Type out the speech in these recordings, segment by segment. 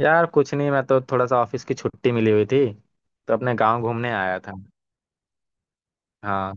यार कुछ नहीं। मैं तो थोड़ा सा ऑफिस की छुट्टी मिली हुई थी तो अपने गांव घूमने आया था। हाँ।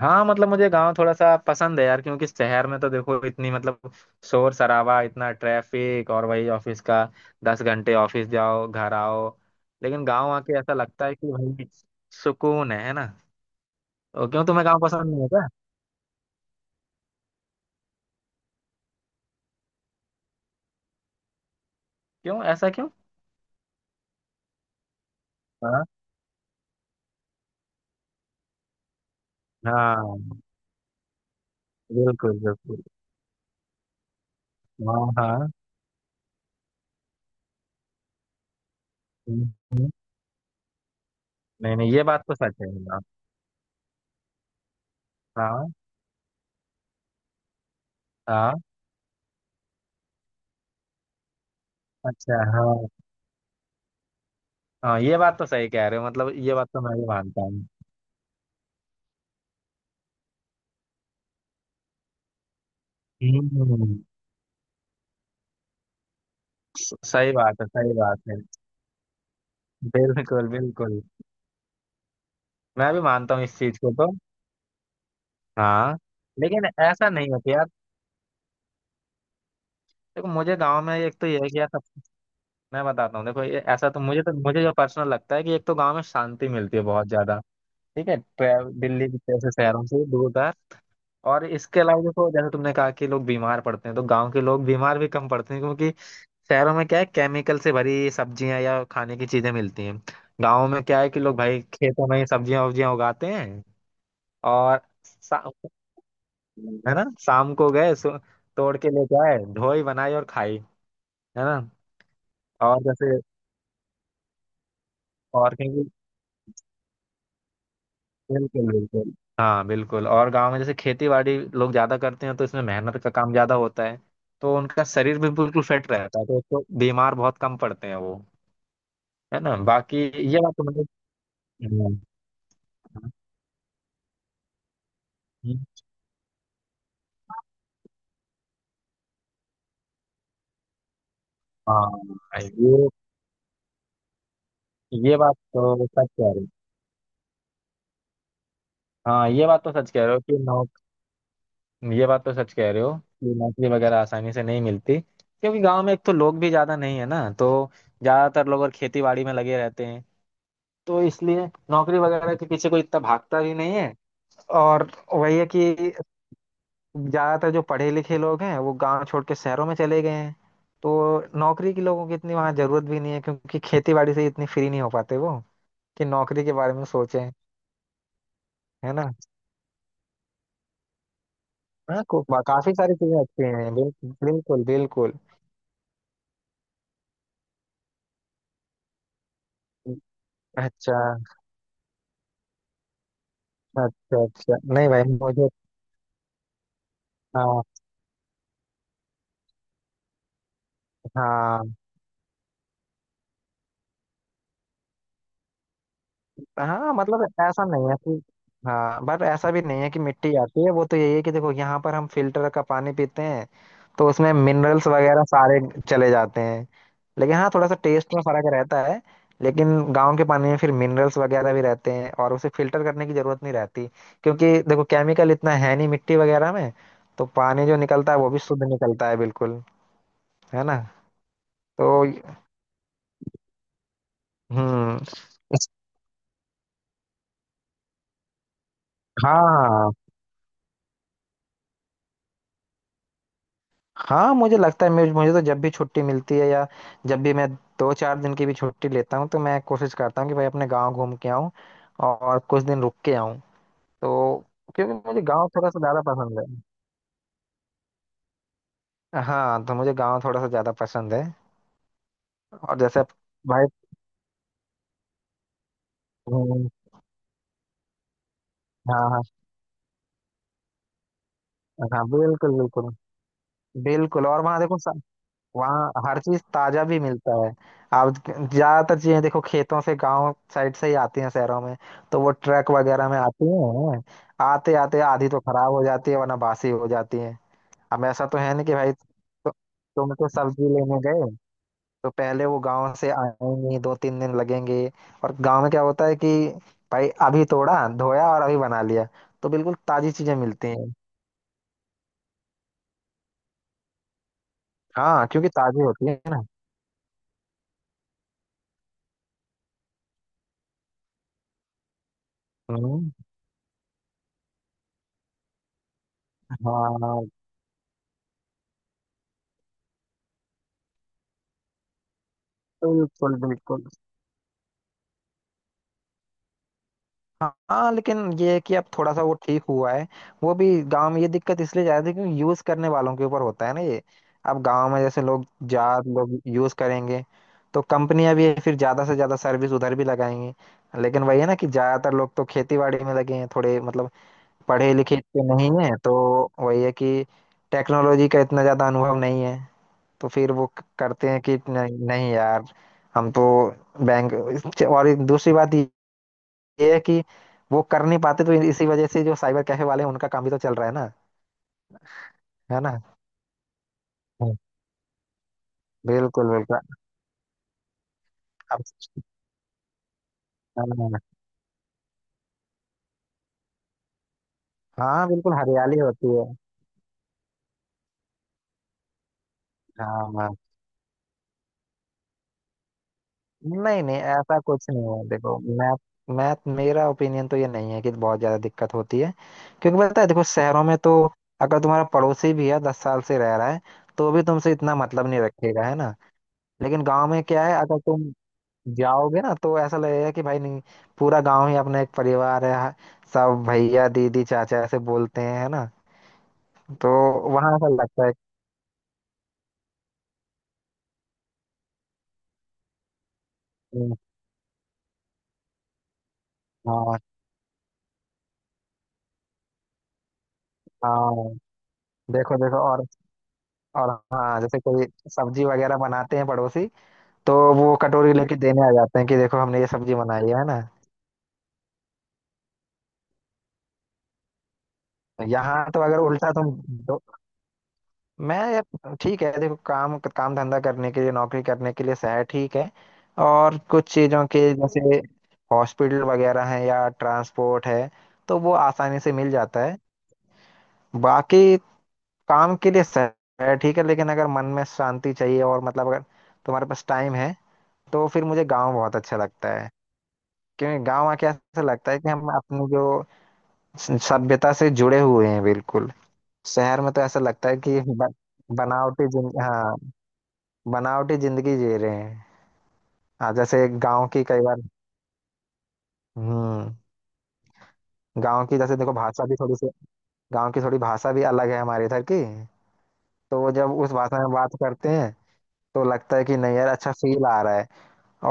हाँ मतलब मुझे गांव थोड़ा सा पसंद है यार, क्योंकि शहर में तो देखो इतनी मतलब शोर शराबा, इतना ट्रैफिक और वही ऑफिस का। 10 घंटे ऑफिस जाओ, घर आओ। लेकिन गांव आके ऐसा लगता है कि भाई सुकून है ना। तो क्यों, तुम्हें गांव पसंद नहीं है क्या? क्यों ऐसा क्यों? हाँ। हाँ बिल्कुल बिल्कुल। हाँ हाँ। हम्म, हम्म। नहीं नहीं ये बात तो सच है। हाँ हाँ। हाँ, अच्छा हाँ। हाँ ये बात तो सही कह रहे हो मतलब ये बात तो मैं भी मानता हूँ। हम्म। सही बात है, सही बात है। बिल्कुल बिल्कुल। मैं भी मानता हूँ इस चीज को तो। हाँ लेकिन ऐसा नहीं होता यार। देखो मुझे गांव में एक तो ये है कि यार, सब मैं बताता हूँ। देखो ये ऐसा तो मुझे जो पर्सनल लगता है कि एक तो गांव में शांति मिलती है बहुत ज्यादा। ठीक है। दिल्ली जैसे शहरों से दूर का। और इसके अलावा देखो, जैसे तुमने कहा कि लोग बीमार पड़ते हैं, तो गांव के लोग बीमार भी कम पड़ते हैं क्योंकि शहरों में क्या है, केमिकल से भरी सब्जियां या खाने की चीजें मिलती हैं। गांव में क्या है कि लोग भाई खेतों में ही सब्जियां उब्जियां उगाते हैं। और शा- है ना, शाम को गए तोड़ के लेके आए, धोई बनाई और खाई, है ना। और जैसे, और कहीं। बिल्कुल बिल्कुल। हाँ बिल्कुल। और गांव में जैसे खेती बाड़ी लोग ज्यादा करते हैं तो इसमें मेहनत का काम ज्यादा होता है। तो उनका शरीर भी बिल्कुल फिट रहता है, तो उसको बीमार बहुत कम पड़ते हैं वो। है ना, बाकी ये बात तो मतलब। हाँ ये बात तो सच कह रहे हो। हाँ ये बात तो सच कह रहे हो कि नौक ये बात तो सच कह रहे हो कि नौकरी वगैरह आसानी से नहीं मिलती। क्योंकि गांव में एक तो लोग भी ज्यादा नहीं है ना, तो ज्यादातर लोग और खेती बाड़ी में लगे रहते हैं, तो इसलिए नौकरी वगैरह के पीछे कोई इतना भागता भी नहीं है। और वही है कि ज्यादातर जो पढ़े लिखे लोग हैं वो गांव छोड़ के शहरों में चले गए हैं, तो नौकरी की लोगों की इतनी वहां जरूरत भी नहीं है क्योंकि खेती बाड़ी से इतनी फ्री नहीं हो पाते वो कि नौकरी के बारे में सोचें। है ना। हाँ काफी सारी चीजें अच्छी हैं बिल्कुल बिल्कुल। अच्छा अच्छा। अच्छा नहीं भाई मुझे। हाँ। हाँ। हाँ मतलब ऐसा नहीं है कि, हाँ बट ऐसा भी नहीं है कि मिट्टी आती है। वो तो यही है कि देखो यहाँ पर हम फिल्टर का पानी पीते हैं तो उसमें मिनरल्स वगैरह सारे चले जाते हैं। लेकिन हाँ थोड़ा सा टेस्ट में फर्क रहता है। लेकिन गांव के पानी में फिर मिनरल्स वगैरह भी रहते हैं और उसे फिल्टर करने की जरूरत नहीं रहती, क्योंकि देखो केमिकल इतना है नहीं मिट्टी वगैरह में, तो पानी जो निकलता है वो भी शुद्ध निकलता है, बिल्कुल। है ना। तो हम्म। हाँ। हाँ मुझे लगता है, मुझे मुझे तो जब भी छुट्टी मिलती है या जब भी मैं दो चार दिन की भी छुट्टी लेता हूँ तो मैं कोशिश करता हूँ कि भाई अपने गांव घूम के आऊँ और कुछ दिन रुक के आऊँ। तो क्योंकि मुझे गांव थोड़ा सा ज़्यादा पसंद है। हाँ तो मुझे गांव थोड़ा सा ज़्यादा पसंद है। और जैसे भाई। हम्म, हाँ हाँ। हाँ बिल्कुल बिल्कुल। बिल्कुल और वहाँ देखो, वहाँ हर चीज ताजा भी मिलता है। आप ज्यादातर चीजें देखो खेतों से, गांव साइड से ही आती हैं शहरों में, तो वो ट्रक वगैरह में आती हैं। आते आते आधी तो खराब हो जाती है वरना बासी हो जाती है। अब ऐसा तो है नहीं कि भाई तुम तो सब्जी लेने गए तो पहले वो गांव से आएंगी, दो तीन दिन लगेंगे। और गांव में क्या होता है कि भाई अभी तोड़ा, धोया और अभी बना लिया, तो बिल्कुल ताजी चीजें मिलती हैं। हाँ क्योंकि ताजी होती है ना। हम्म। हाँ बिल्कुल बिल्कुल। हाँ लेकिन ये है कि अब थोड़ा सा वो ठीक हुआ है। वो भी गांव में ये दिक्कत इसलिए ज्यादा थी क्योंकि यूज करने वालों के ऊपर होता है ना ये। अब गांव में जैसे लोग, ज्यादा लोग यूज करेंगे, तो कंपनियां भी फिर ज्यादा से ज्यादा सर्विस उधर भी लगाएंगी। लेकिन वही है ना कि ज्यादातर लोग तो खेती बाड़ी में लगे हैं, थोड़े मतलब पढ़े लिखे इतने नहीं है, तो वही है कि टेक्नोलॉजी का इतना ज्यादा अनुभव नहीं है, तो फिर वो करते हैं कि नहीं, नहीं यार हम तो बैंक, और एक दूसरी बात ये है कि वो कर नहीं पाते, तो इसी वजह से जो साइबर कैफे वाले हैं उनका काम भी तो चल रहा है ना। है ना। हाँ। बिल्कुल बिल्कुल। अब हाँ। हाँ, बिल्कुल हरियाली होती है। हाँ हाँ। नहीं नहीं ऐसा कुछ नहीं है। देखो मैं मेरा ओपिनियन तो ये नहीं है कि बहुत ज्यादा दिक्कत होती है। क्योंकि पता है, देखो शहरों में तो अगर तुम्हारा पड़ोसी भी है, 10 साल से रह रहा है, तो भी तुमसे इतना मतलब नहीं रखेगा, है ना। लेकिन गांव में क्या है, अगर तुम जाओगे ना तो ऐसा लगेगा कि भाई नहीं, पूरा गांव ही अपना एक परिवार है। सब भैया दीदी चाचा ऐसे बोलते हैं, है ना। तो वहां ऐसा लगता है कि। हाँ हाँ। देखो देखो। और हाँ जैसे कोई सब्जी वगैरह बनाते हैं पड़ोसी, तो वो कटोरी लेके देने आ जाते हैं कि देखो हमने ये सब्जी बनाई है, ना। यहाँ तो अगर उल्टा तुम। मैं यार ठीक है, देखो काम काम धंधा करने के लिए, नौकरी करने के लिए शहर ठीक है, और कुछ चीज़ों के जैसे हॉस्पिटल वगैरह है या ट्रांसपोर्ट है तो वो आसानी से मिल जाता है। बाकी काम के लिए शहर ठीक है लेकिन अगर मन में शांति चाहिए, और मतलब अगर तुम्हारे पास टाइम है, तो फिर मुझे गांव बहुत अच्छा लगता है। क्योंकि गांव आके ऐसा लगता है कि हम अपनी जो सभ्यता से जुड़े हुए हैं, बिल्कुल। शहर में तो ऐसा लगता है कि ब- बनावटी जिन हाँ, बनावटी जिंदगी जी रहे हैं। हाँ जैसे गांव की कई बार, हम्म गांव की जैसे देखो भाषा भी थोड़ी सी, गांव की थोड़ी भाषा भी अलग है हमारे इधर की। तो वो जब उस भाषा में बात करते हैं तो लगता है कि नहीं यार, अच्छा फील आ रहा है।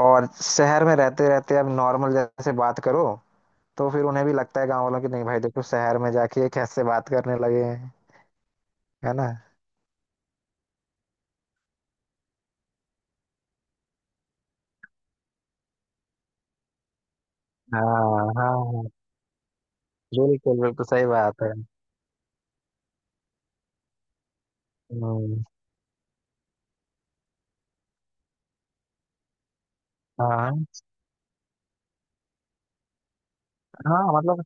और शहर में रहते रहते अब नॉर्मल जैसे बात करो, तो फिर उन्हें भी लगता है गांव वालों की, नहीं भाई देखो शहर में जाके ये कैसे बात करने लगे हैं, है ना। हाँ हाँ। हाँ, बिल्कुल बिल्कुल सही बात है। हम्म, हाँ हाँ मतलब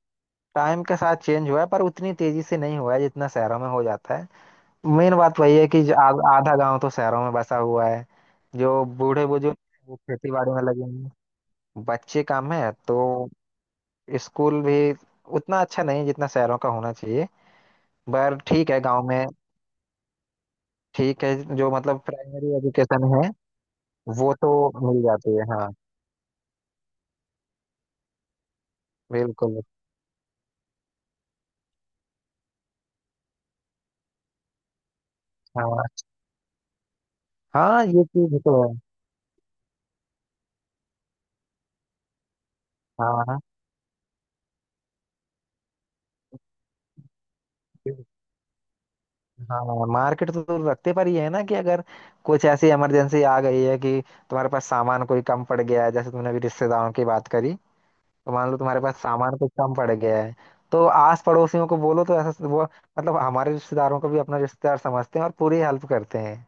टाइम के साथ चेंज हुआ है पर उतनी तेजी से नहीं हुआ है जितना शहरों में हो जाता है। मेन बात वही है कि जो आधा गांव तो शहरों में बसा हुआ है। जो बूढ़े बुजुर्ग हैं, वो खेती बाड़ी में लगे हुए हैं। बच्चे कम है तो स्कूल भी उतना अच्छा नहीं है जितना शहरों का होना चाहिए। पर ठीक है गांव में, ठीक है जो मतलब प्राइमरी एजुकेशन है वो तो मिल जाती है। हाँ बिल्कुल। हाँ हाँ ये चीज तो है। हाँ हाँ। हाँ मार्केट तो दूर रखते, पर ये है ना कि अगर कुछ ऐसी इमरजेंसी आ गई है कि तुम्हारे पास सामान कोई कम पड़ गया है, जैसे तुमने अभी रिश्तेदारों की बात करी, तो मान लो तुम्हारे पास सामान कुछ कम पड़ गया है, तो आस पड़ोसियों को बोलो तो ऐसा वो मतलब हमारे रिश्तेदारों को भी अपना रिश्तेदार समझते हैं और पूरी हेल्प करते हैं,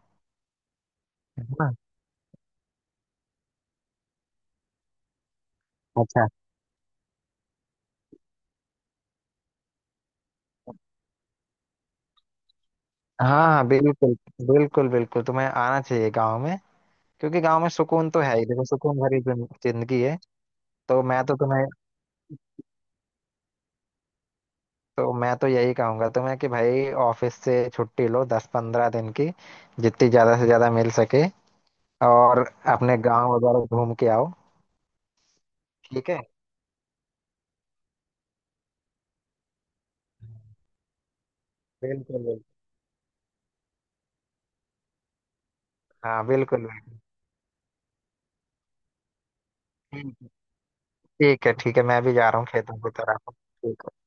है ना। अच्छा। हाँ हाँ बिल्कुल बिल्कुल। बिल्कुल तुम्हें आना चाहिए गाँव में, क्योंकि गाँव में सुकून तो है ही। देखो सुकून भरी जिंदगी है। तो मैं तो तुम्हें तो मैं तो यही कहूंगा तुम्हें कि भाई ऑफिस से छुट्टी लो, 10-15 दिन की जितनी ज्यादा से ज्यादा मिल सके, और अपने गांव वगैरह घूम के आओ। ठीक है। बिल्कुल बिल्कुल। हाँ बिल्कुल बिल्कुल। ठीक है ठीक है, मैं भी जा रहा हूँ खेतों की तरफ। ठीक है।